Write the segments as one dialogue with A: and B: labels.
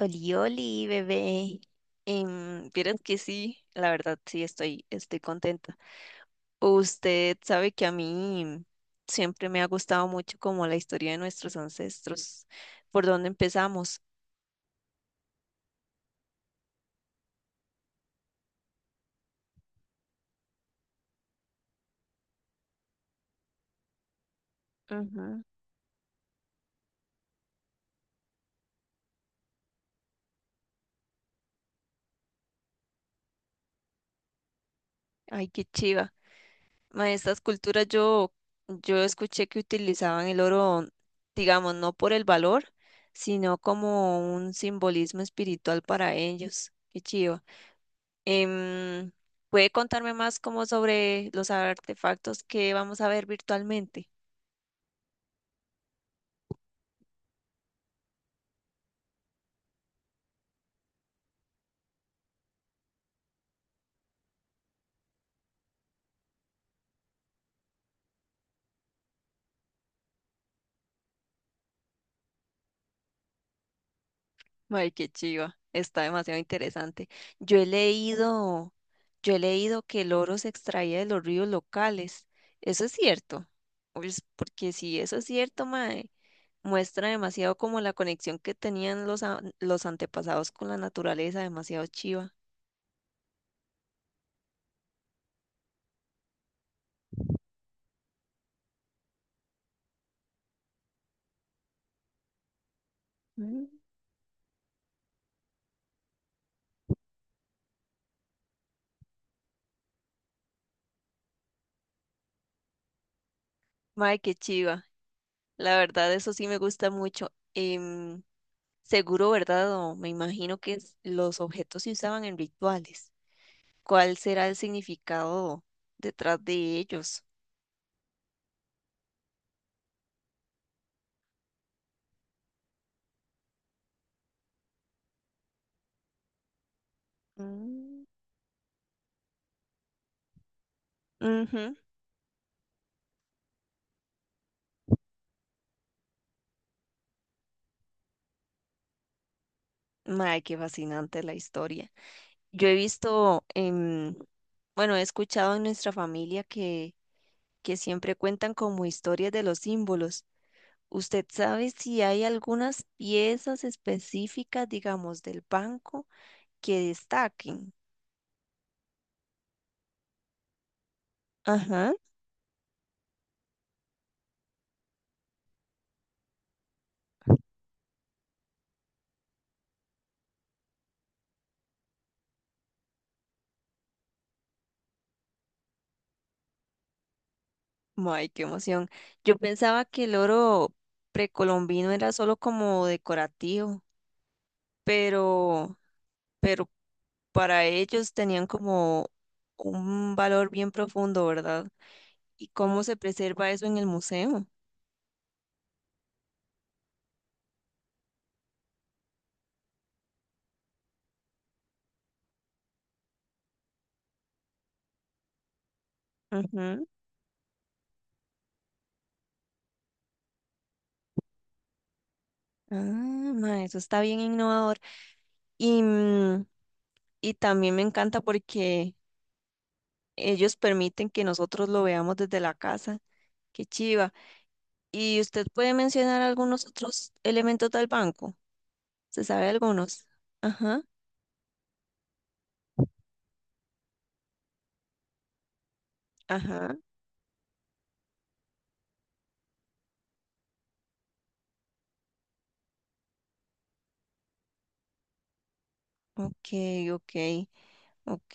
A: Oli, oli, bebé. Vieras que sí, la verdad sí estoy contenta. Usted sabe que a mí siempre me ha gustado mucho como la historia de nuestros ancestros, por dónde empezamos. Ujú. Ay, qué chiva. Ma, estas culturas yo escuché que utilizaban el oro, digamos, no por el valor, sino como un simbolismo espiritual para ellos. Qué chiva. Em, ¿Puede contarme más como sobre los artefactos que vamos a ver virtualmente? Ay, qué chiva. Está demasiado interesante. Yo he leído, yo he leído que el oro se extraía de los ríos locales. Eso es cierto. Pues, porque si eso es cierto, mae, muestra demasiado como la conexión que tenían los antepasados con la naturaleza, demasiado chiva. Mm. Mae, qué chiva. La verdad, eso sí me gusta mucho. Em, Seguro, ¿verdad? O me imagino que los objetos se usaban en rituales. ¿Cuál será el significado detrás de ellos? Mm, ujú. Mae, qué fascinante la historia. Yo he visto, bueno, he escuchado en nuestra familia que siempre cuentan como historias de los símbolos. ¿Usted sabe si hay algunas piezas específicas, digamos, del banco que destaquen? Ajá. ¡Ay, qué emoción! Yo pensaba que el oro precolombino era solo como decorativo, pero... pero para ellos tenían como un valor bien profundo, ¿verdad? ¿Y cómo se preserva eso en el museo? Ujú. Ah, ma, eso está bien innovador. Y, mm, y también me encanta porque ellos permiten que nosotros lo veamos desde la casa. Qué chiva. ¿Y usted puede mencionar algunos otros elementos del banco? ¿Se sabe algunos? Ajá, ajá. Ok, ok, ok.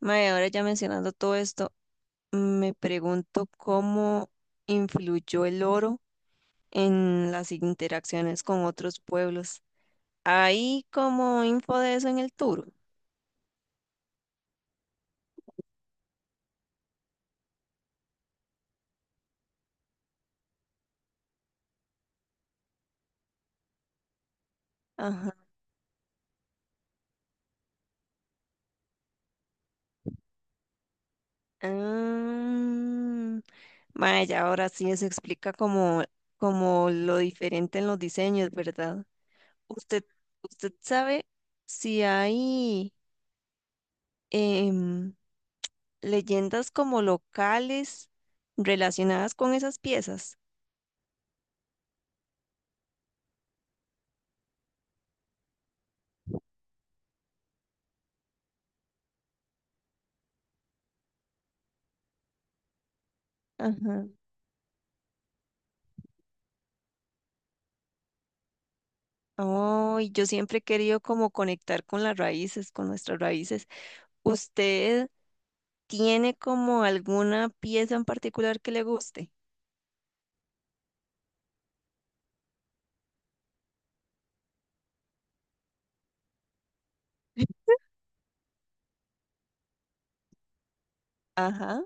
A: Mae, ahora ya mencionando todo esto. Me pregunto cómo influyó el oro en las interacciones con otros pueblos. ¿Hay como info de eso en el tour? Ajá. Ah, vaya, ahora sí eso explica como, como lo diferente en los diseños, ¿verdad? ¿Usted, ¿Usted sabe si hay em, leyendas como locales relacionadas con esas piezas? Ajá. Oh, y yo siempre he querido como conectar con las raíces, con nuestras raíces. ¿Usted tiene como alguna pieza en particular que le guste? Ajá.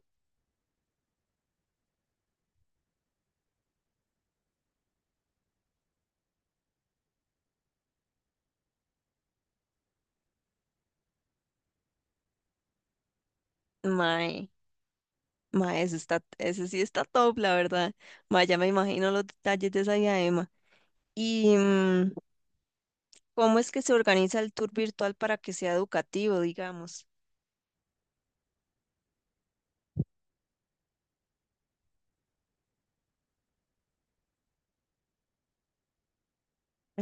A: Mae, mae, eso está, eso sí está top, la verdad. Mae, ya me imagino los detalles de esa diadema. ¿Y mm, cómo es que se organiza el tour virtual para que sea educativo, digamos?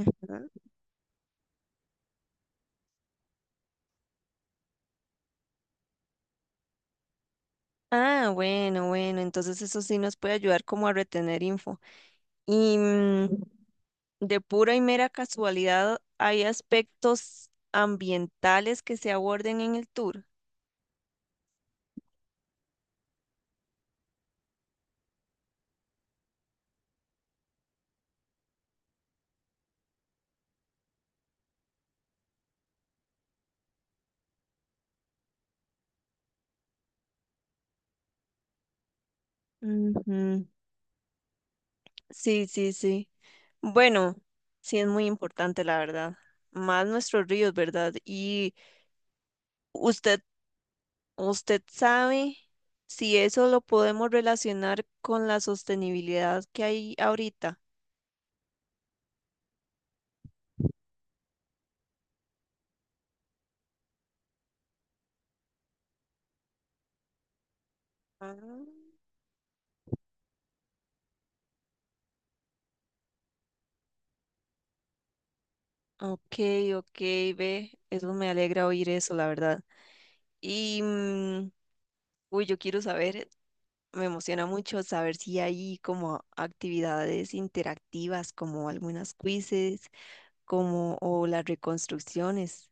A: Ujú. Ah, bueno, bueno, entonces eso sí nos puede ayudar como a retener info. Y mm, de pura y mera casualidad, ¿hay aspectos ambientales que se aborden en el tour? Ujú. Sí, sí, sí. Bueno, sí es muy importante, la verdad. Más nuestros ríos, ¿verdad? Y usted, usted sabe si eso lo podemos relacionar con la sostenibilidad que hay ahorita. Ah, ok, ok, ve, eso me alegra oír eso, la verdad. Y, mm, uy, yo quiero saber, me emociona mucho saber si hay como actividades interactivas, como algunas quizzes, como, o las reconstrucciones.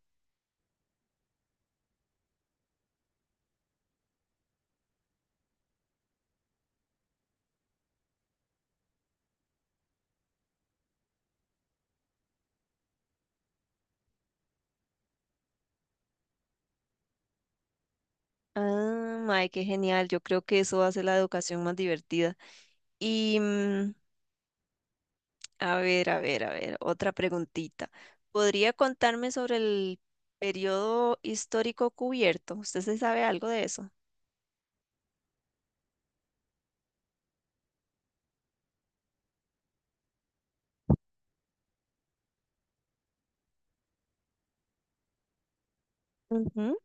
A: Ah, mae, qué genial, yo creo que eso hace la educación más divertida. Y, mm, a ver, a ver, a ver, otra preguntita. ¿Podría contarme sobre el periodo histórico cubierto? ¿Usted se sabe algo de eso? Ujú.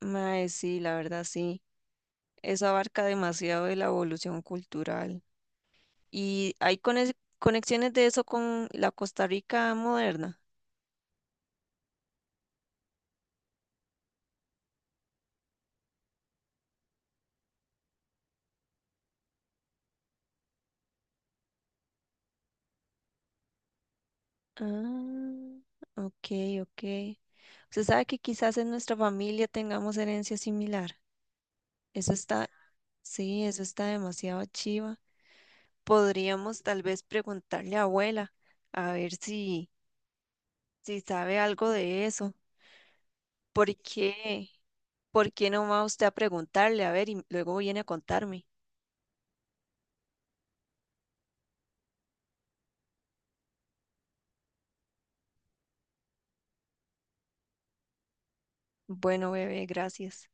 A: Mae, sí, la verdad sí. Eso abarca demasiado de la evolución cultural. ¿Y hay conexiones de eso con la Costa Rica moderna? Ah, ok, ok. Usted sabe que quizás en nuestra familia tengamos herencia similar. Eso está, sí, eso está demasiado chiva. Podríamos tal vez preguntarle a abuela a ver si sabe algo de eso. ¿Por qué? ¿Por qué no va usted a preguntarle? A ver, y luego viene a contarme. Bueno, bebé, gracias.